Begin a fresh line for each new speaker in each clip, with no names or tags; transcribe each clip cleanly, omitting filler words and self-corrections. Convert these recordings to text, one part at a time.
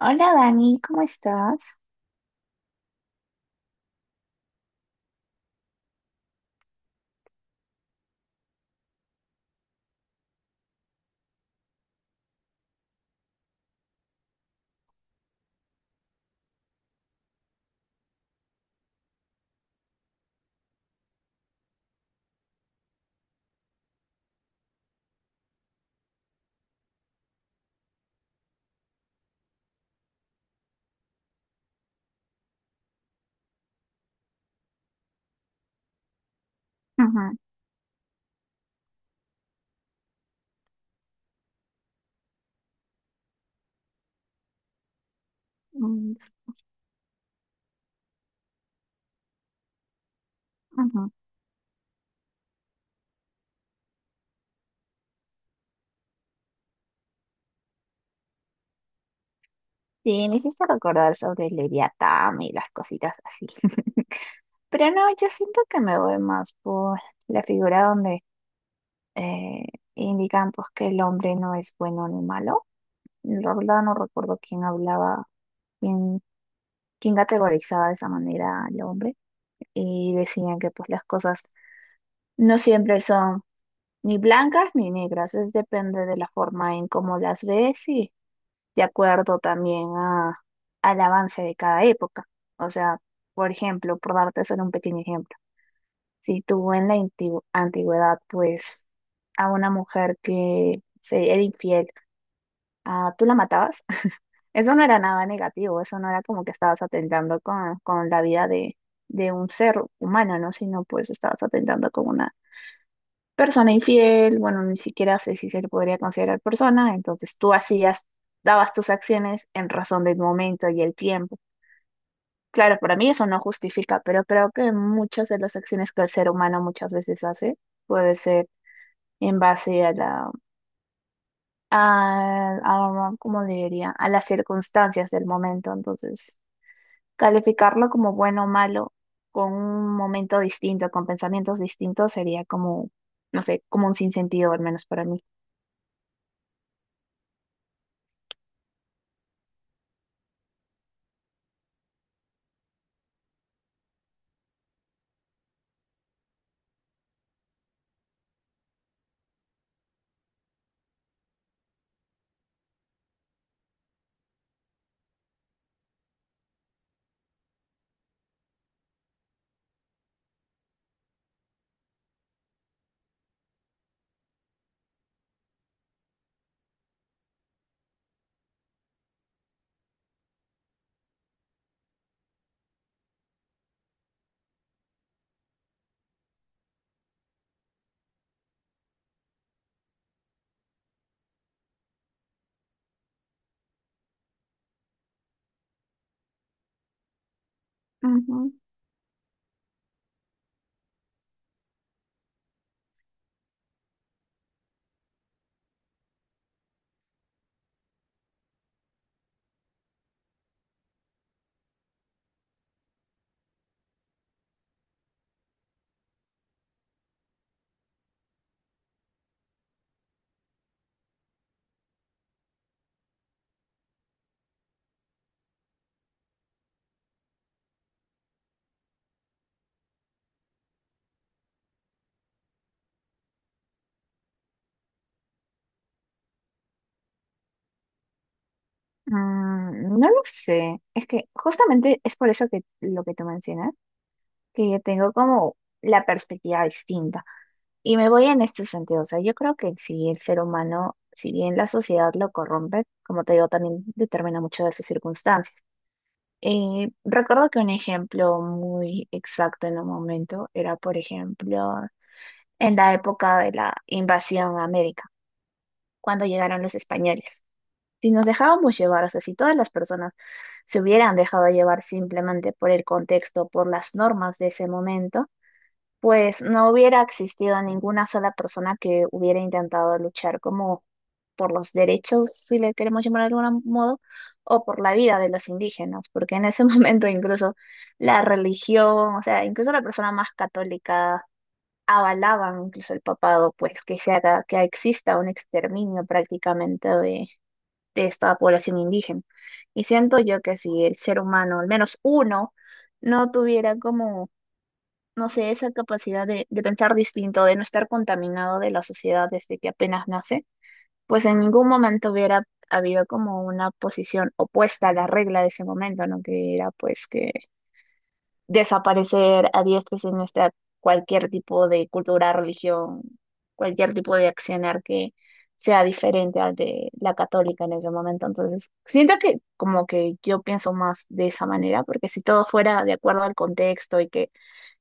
Hola Dani, ¿cómo estás? Ajá, mm, ajá. Sí, me hiciste recordar sobre Leviatán y las cositas así. Pero no, yo siento que me voy más por la figura donde eh, indican pues que el hombre no es bueno ni malo. La verdad no recuerdo quién hablaba, quién, quién categorizaba de esa manera al hombre. Y decían que pues las cosas no siempre son ni blancas ni negras, es depende de la forma en cómo las ves de acuerdo también al avance de cada época. O sea, por ejemplo, por darte solo un pequeño ejemplo, si tú en la antigüedad, pues a una mujer que se era infiel, ah, tú la matabas, eso no era nada negativo, eso no era como que estabas atentando con la vida de un ser humano, ¿no? Sino pues estabas atentando con una persona infiel, bueno, ni siquiera sé si se le podría considerar persona, entonces tú hacías, dabas tus acciones en razón del momento y el tiempo. Claro, para mí eso no justifica, pero creo que muchas de las acciones que el ser humano muchas veces hace puede ser en base a la, a, ¿cómo le diría? A las circunstancias del momento, entonces calificarlo como bueno o malo con un momento distinto, con pensamientos distintos, sería como, no sé, como un sinsentido, al menos para mí. No lo sé, es que justamente es por eso que lo que tú mencionas, que yo tengo como la perspectiva distinta y me voy en este sentido, o sea, yo creo que si el ser humano, si bien la sociedad lo corrompe, como te digo, también determina mucho de sus circunstancias. Recuerdo que un ejemplo muy exacto en un momento era, por ejemplo, en la época de la invasión a América, cuando llegaron los españoles. Si nos dejábamos llevar, o sea, si todas las personas se hubieran dejado llevar simplemente por el contexto, por las normas de ese momento, pues no hubiera existido ninguna sola persona que hubiera intentado luchar como por los derechos, si le queremos llamar de algún modo, o por la vida de los indígenas, porque en ese momento incluso la religión, o sea, incluso la persona más católica avalaban incluso el papado, pues que se haga, que exista un exterminio prácticamente de esta población indígena. Y siento yo que si el ser humano, al menos uno, no tuviera como, no sé, esa capacidad de pensar distinto, de no estar contaminado de la sociedad desde que apenas nace, pues en ningún momento hubiera habido como una posición opuesta a la regla de ese momento, ¿no? Que era pues que desaparecer a diestra y siniestra cualquier tipo de cultura, religión, cualquier tipo de accionar que sea diferente al de la católica en ese momento. Entonces, siento que como que yo pienso más de esa manera, porque si todo fuera de acuerdo al contexto y que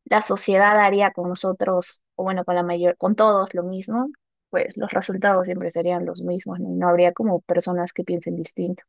la sociedad haría con nosotros, o bueno, con la mayor, con todos lo mismo, pues los resultados siempre serían los mismos, ¿no? Y no habría como personas que piensen distinto.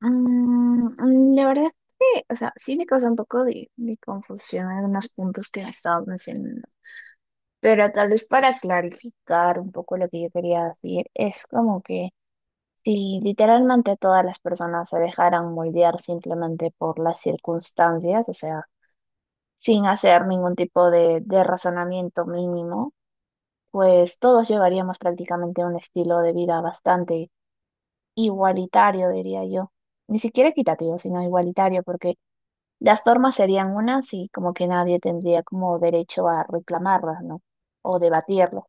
La verdad es que, o sea, sí me causa un poco de confusión algunos puntos que me estabas mencionando, pero tal vez para clarificar un poco lo que yo quería decir, es como que si literalmente a todas las personas se dejaran moldear simplemente por las circunstancias, o sea, sin hacer ningún tipo de razonamiento mínimo, pues todos llevaríamos prácticamente un estilo de vida bastante igualitario, diría yo. Ni siquiera equitativo, sino igualitario, porque las normas serían unas y como que nadie tendría como derecho a reclamarlas, ¿no? O debatirlas.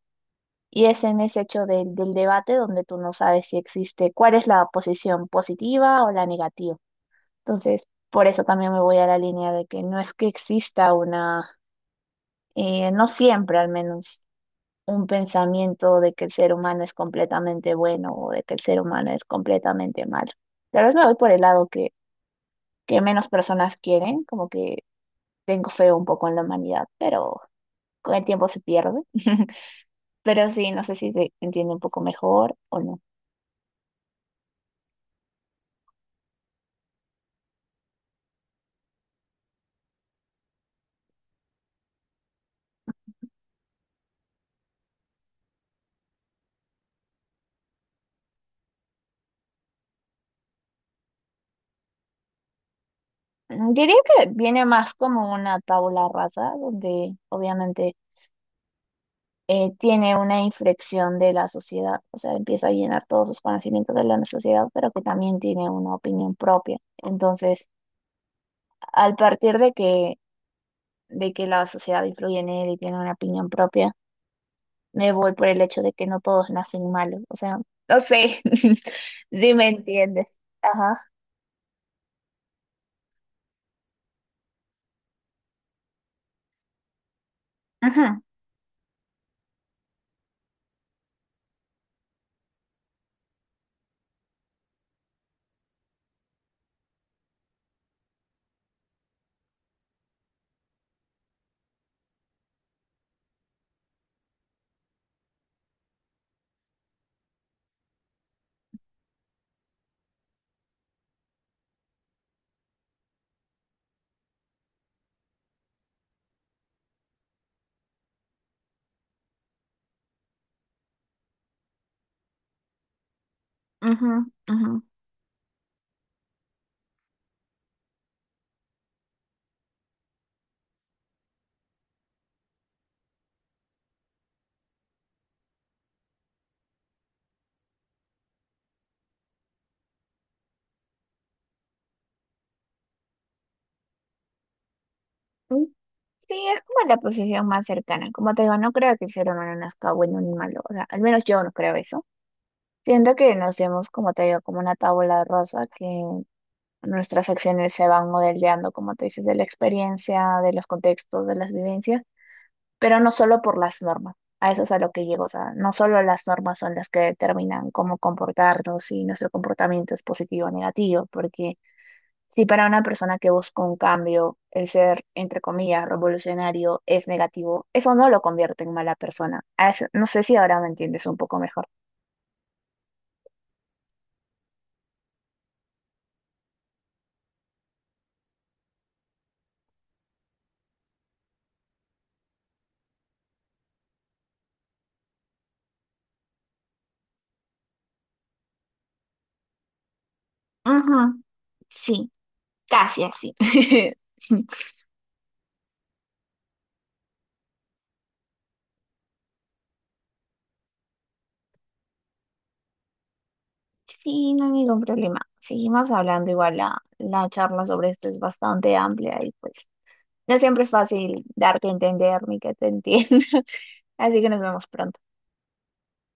Y es en ese hecho del, del debate donde tú no sabes si existe cuál es la posición positiva o la negativa. Entonces, por eso también me voy a la línea de que no es que exista una, no siempre al menos, un pensamiento de que el ser humano es completamente bueno o de que el ser humano es completamente malo. Tal vez me voy por el lado que menos personas quieren, como que tengo fe un poco en la humanidad, pero con el tiempo se pierde. Pero sí, no sé si se entiende un poco mejor o no. Diría que viene más como una tabla rasa, donde obviamente tiene una inflexión de la sociedad, o sea, empieza a llenar todos sus conocimientos de la sociedad, pero que también tiene una opinión propia. Entonces, al partir de que, la sociedad influye en él y tiene una opinión propia, me voy por el hecho de que no todos nacen malos. O sea, no sé si me entiendes. Ajá. Ajá. Ajá. Ajá. Mm, Sí, es como la posición más cercana. Como te digo, no creo que el ser humano nazca bueno ni malo. O sea, al menos yo no creo eso. Siento que nacemos, como te digo, como una tabla rosa que nuestras acciones se van modelando, como te dices, de la experiencia, de los contextos, de las vivencias, pero no solo por las normas. A eso es a lo que llego. O sea, no solo las normas son las que determinan cómo comportarnos, si nuestro comportamiento es positivo o negativo, porque si para una persona que busca un cambio, el ser, entre comillas, revolucionario es negativo, eso no lo convierte en mala persona. No sé si ahora me entiendes un poco mejor. Ujú, sí, casi así. Sí, no hay ningún problema. Seguimos hablando. Igual la charla sobre esto es bastante amplia y pues no siempre es fácil darte a entender ni que te entiendan. Así que nos vemos pronto.